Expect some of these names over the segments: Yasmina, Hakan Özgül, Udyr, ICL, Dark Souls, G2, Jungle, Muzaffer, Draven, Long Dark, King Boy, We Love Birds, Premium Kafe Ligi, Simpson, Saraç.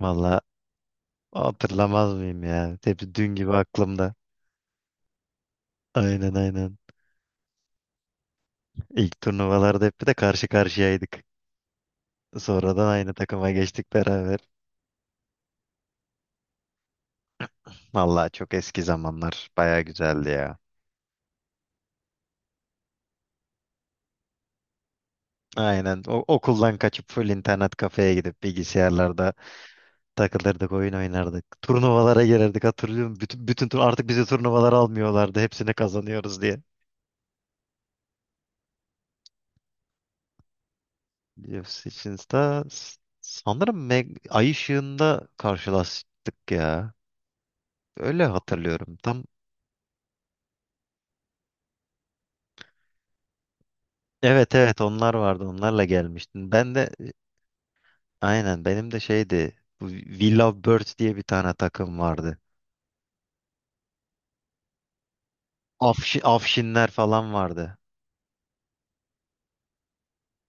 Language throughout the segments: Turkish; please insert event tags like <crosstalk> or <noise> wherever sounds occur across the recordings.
Valla hatırlamaz mıyım ya? Hep dün gibi aklımda. Aynen aynen. İlk turnuvalarda hep bir de karşı karşıyaydık. Sonradan aynı takıma geçtik beraber. Valla çok eski zamanlar. Baya güzeldi ya. Aynen. O, okuldan kaçıp full internet kafeye gidip bilgisayarlarda takılırdık, oyun oynardık. Turnuvalara gelirdik hatırlıyorum. Bütün tur artık bizi turnuvalara almıyorlardı. Hepsini kazanıyoruz diye. UFC için de sanırım Ay ışığında karşılaştık ya. Öyle hatırlıyorum. Tam evet evet onlar vardı. Onlarla gelmiştin. Ben de aynen benim de şeydi. Bu We Love Birds diye bir tane takım vardı. Afşinler falan vardı.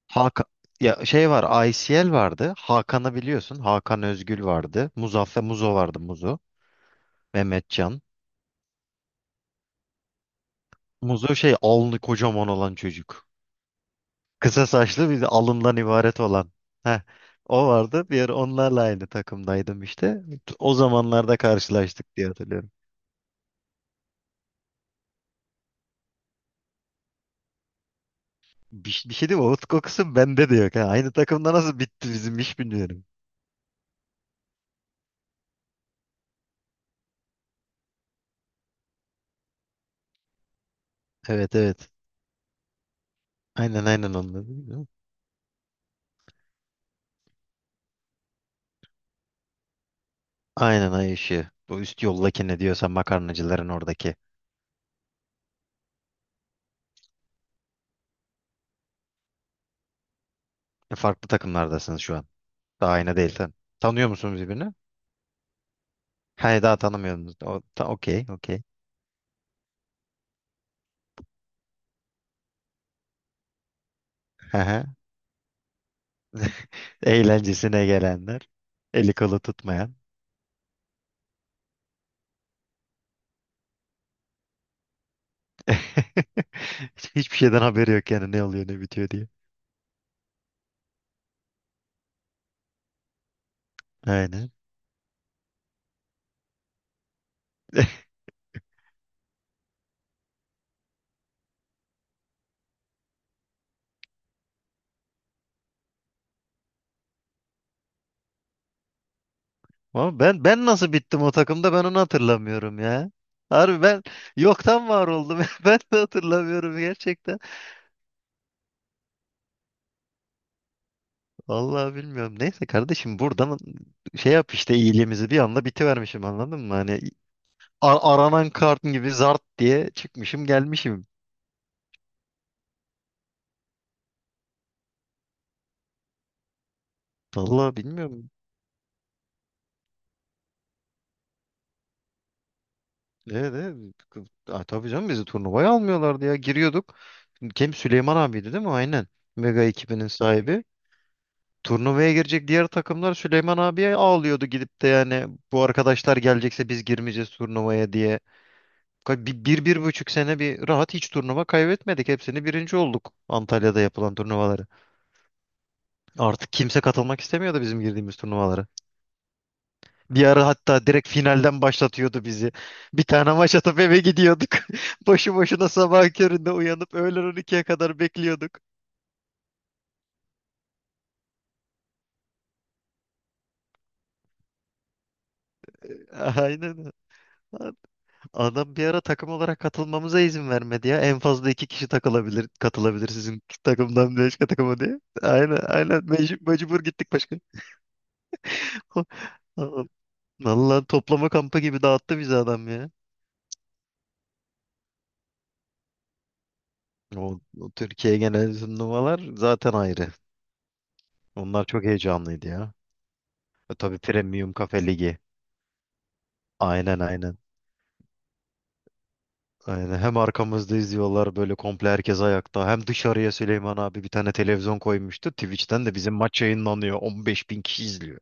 Hakan ya şey var, ICL vardı. Hakan'ı biliyorsun. Hakan Özgül vardı. Muzaffer Muzo vardı Muzo. Mehmetcan. Muzo şey alnı kocaman olan çocuk. Kısa saçlı bir de alından ibaret olan. Heh, o vardı. Bir ara onlarla aynı takımdaydım işte. O zamanlarda karşılaştık diye hatırlıyorum. Bir şey değil mi? Umut kokusu bende de yok. Ha. Aynı takımda nasıl bitti bizim iş bilmiyorum. Evet evet. Aynen aynen onunla değil mi? Aynen ay ışığı. O üst yoldaki ne diyorsa makarnacıların oradaki. E, farklı takımlardasınız şu an. Daha aynı değil sen. Tanıyor musunuz birbirini? Hayır daha tanımıyorsunuz. Okey okey. Hı hı. <laughs> Eğlencesine gelenler. Eli kolu tutmayan. <laughs> Hiçbir şeyden haberi yok yani ne oluyor ne bitiyor diye. Aynen. <laughs> Ama ben nasıl bittim o takımda ben onu hatırlamıyorum ya. Harbi ben yoktan var oldum. <laughs> Ben de hatırlamıyorum gerçekten. Vallahi bilmiyorum. Neyse kardeşim buradan şey yap işte iyiliğimizi bir anda bitivermişim anladın mı? Hani aranan kart gibi zart diye çıkmışım gelmişim. Vallahi bilmiyorum. Evet, evet. Aa, tabii canım bizi turnuvaya almıyorlardı ya. Giriyorduk. Kim Süleyman abiydi değil mi? Aynen. Mega ekibinin sahibi. Turnuvaya girecek diğer takımlar Süleyman abiye ağlıyordu gidip de yani bu arkadaşlar gelecekse biz girmeyeceğiz turnuvaya diye. Bir buçuk sene bir rahat hiç turnuva kaybetmedik. Hepsini birinci olduk Antalya'da yapılan turnuvaları. Artık kimse katılmak istemiyordu bizim girdiğimiz turnuvalara. Bir ara hatta direkt finalden başlatıyordu bizi. Bir tane maç atıp eve gidiyorduk. <laughs> Boşu boşuna sabah köründe uyanıp öğlen on ikiye kadar bekliyorduk. <laughs> Aynen. Adam bir ara takım olarak katılmamıza izin vermedi ya. En fazla iki kişi takılabilir, katılabilir sizin takımdan başka takıma diye. Aynen aynen mecbur, mecbur gittik başka. <laughs> Vallahi toplama kampı gibi dağıttı bizi adam ya. O Türkiye genel turnuvalar zaten ayrı. Onlar çok heyecanlıydı ya. E, tabii Premium Kafe Ligi. Aynen aynen. Aynen. Hem arkamızda izliyorlar böyle komple herkes ayakta. Hem dışarıya Süleyman abi bir tane televizyon koymuştu. Twitch'ten de bizim maç yayınlanıyor. 15 bin kişi izliyor.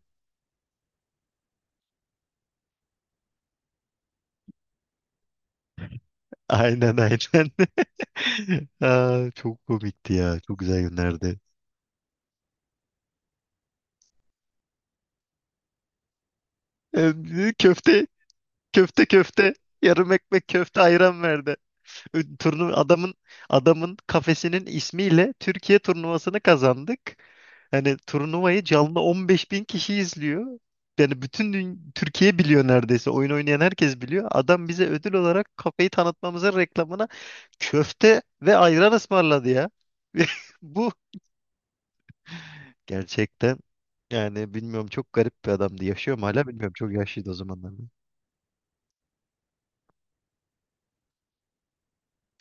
Aynen aynen. <laughs> Aa, çok komikti ya. Çok güzel günlerdi. Ee, köfte, köfte, köfte. Yarım ekmek köfte ayran verdi. Ö- Turnu Adamın kafesinin ismiyle Türkiye turnuvasını kazandık. Hani turnuvayı canlı 15 bin kişi izliyor. Yani Türkiye biliyor neredeyse. Oyun oynayan herkes biliyor. Adam bize ödül olarak kafeyi tanıtmamıza reklamına köfte ve ayran ısmarladı ya. <laughs> Bu gerçekten yani bilmiyorum çok garip bir adamdı. Yaşıyor mu hala bilmiyorum. Çok yaşlıydı o zamanlarda.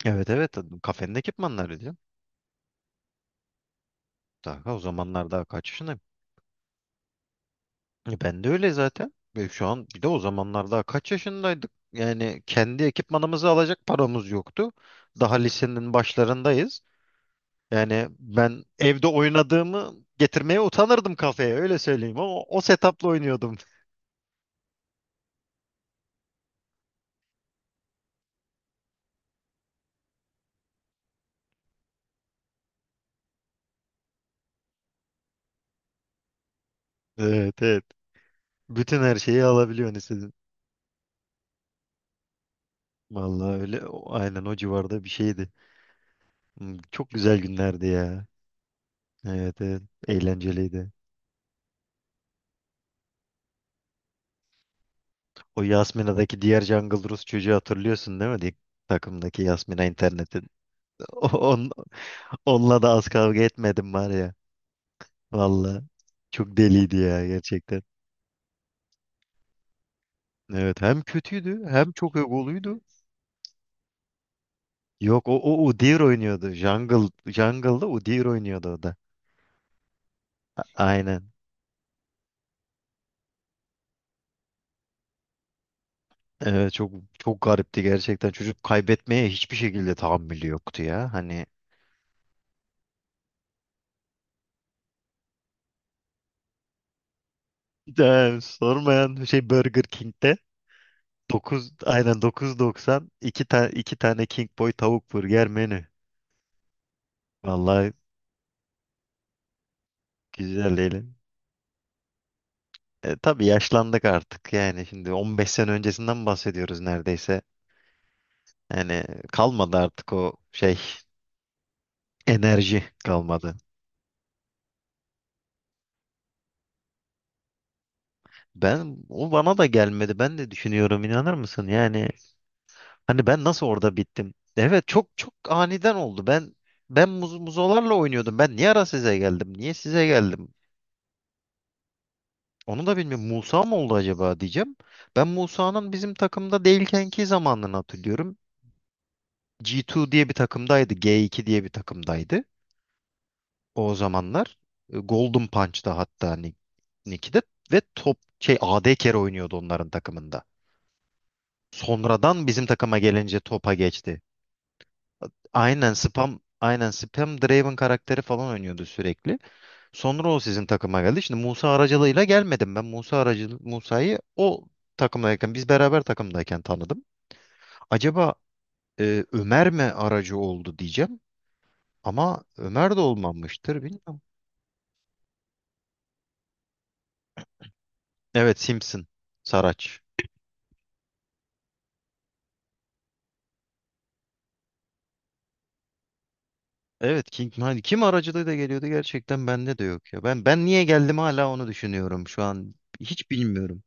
Evet evet kafenin ekipmanları diyor. Daha o zamanlar daha kaç yaşındayım? E, ben de öyle zaten. Ve şu an bir de o zamanlar daha kaç yaşındaydık? Yani kendi ekipmanımızı alacak paramız yoktu. Daha lisenin başlarındayız. Yani ben evde oynadığımı getirmeye utanırdım kafeye öyle söyleyeyim ama o setup'la oynuyordum. <laughs> Evet evet. Bütün her şeyi alabiliyorsun istediğin. Vallahi öyle aynen o civarda bir şeydi. Hmm, çok güzel günlerdi ya. Evet evet. Eğlenceliydi. O Yasmina'daki diğer Jungle Rus çocuğu hatırlıyorsun değil mi? Takımdaki Yasmina internetin. <laughs> O- On, onunla da az kavga etmedim var ya. Valla. Çok deliydi ya gerçekten. Evet hem kötüydü hem çok egoluydu. Yok o Udyr oynuyordu. Jungle'da Udyr oynuyordu o da. Aynen. Evet çok çok garipti gerçekten. Çocuk kaybetmeye hiçbir şekilde tahammülü yoktu ya. Hani yani sormayan şey Burger King'de 9 aynen dokuz doksan iki tane iki tane King Boy tavuk burger menü. Vallahi güzel değil. E, tabii yaşlandık artık yani şimdi 15 sene öncesinden bahsediyoruz neredeyse. Yani kalmadı artık o şey enerji kalmadı. Ben o bana da gelmedi. Ben de düşünüyorum inanır mısın? Yani hani ben nasıl orada bittim? Evet çok çok aniden oldu. Ben muzolarla oynuyordum. Ben niye ara size geldim? Niye size geldim? Onu da bilmiyorum. Musa mı oldu acaba diyeceğim. Ben Musa'nın bizim takımda değilkenki zamanlarını hatırlıyorum. G2 diye bir takımdaydı. G2 diye bir takımdaydı. O zamanlar. E, Golden Punch'ta hatta Nick'de ve top şey AD kere oynuyordu onların takımında. Sonradan bizim takıma gelince topa geçti. Aynen spam aynen spam Draven karakteri falan oynuyordu sürekli. Sonra o sizin takıma geldi. Şimdi Musa aracılığıyla gelmedim ben. Musa'yı o takımdayken biz beraber takımdayken tanıdım. Acaba e, Ömer mi aracı oldu diyeceğim. Ama Ömer de olmamıştır bilmiyorum. Evet Simpson. Saraç. Evet King hani kim aracılığıyla geliyordu gerçekten bende de yok ya. Ben niye geldim hala onu düşünüyorum şu an. Hiç bilmiyorum.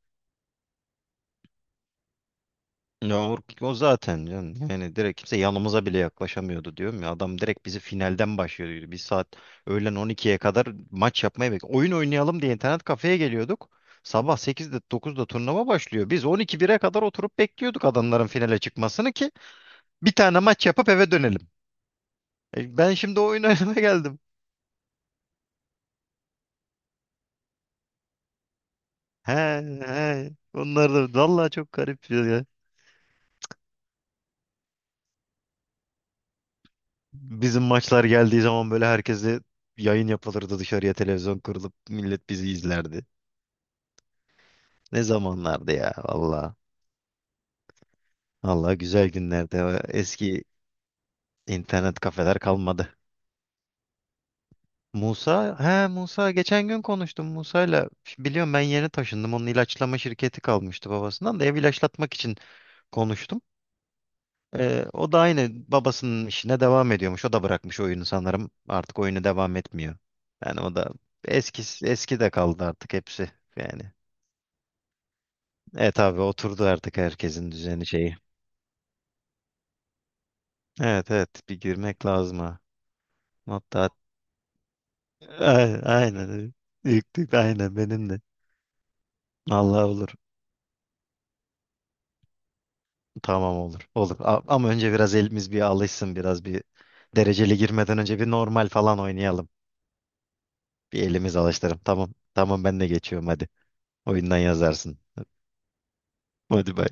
Ya o zaten canım. Yani direkt kimse yanımıza bile yaklaşamıyordu diyorum ya. Adam direkt bizi finalden başlıyordu. Bir saat öğlen 12'ye kadar maç yapmaya bekliyor. Oyun oynayalım diye internet kafeye geliyorduk. Sabah 8'de 9'da turnuva başlıyor. Biz 12 bire kadar oturup bekliyorduk adamların finale çıkmasını ki bir tane maç yapıp eve dönelim. E, ben şimdi oyun <laughs> oynamaya geldim. He he. Onlar da vallahi çok garip ya. Bizim maçlar geldiği zaman böyle herkese yayın yapılırdı dışarıya televizyon kurulup millet bizi izlerdi. Ne zamanlardı ya valla. Valla güzel günlerde. O eski internet kafeler kalmadı. Musa, he Musa geçen gün konuştum Musa'yla. Biliyorum ben yeni taşındım. Onun ilaçlama şirketi kalmıştı babasından da ev ilaçlatmak için konuştum. O da aynı babasının işine devam ediyormuş. O da bırakmış oyunu sanırım. Artık oyunu devam etmiyor. Yani o da eski eski de kaldı artık hepsi yani. Evet abi oturdu artık herkesin düzeni şeyi. Evet evet bir girmek lazım ha. Hatta aynen, aynen. Evet. İlk tık aynen benim de. Allah olur. Tamam olur. Olur. Ama önce biraz elimiz bir alışsın. Biraz bir dereceli girmeden önce bir normal falan oynayalım. Bir elimiz alıştıralım. Tamam. Tamam ben de geçiyorum hadi. Oyundan yazarsın. Hadi bay.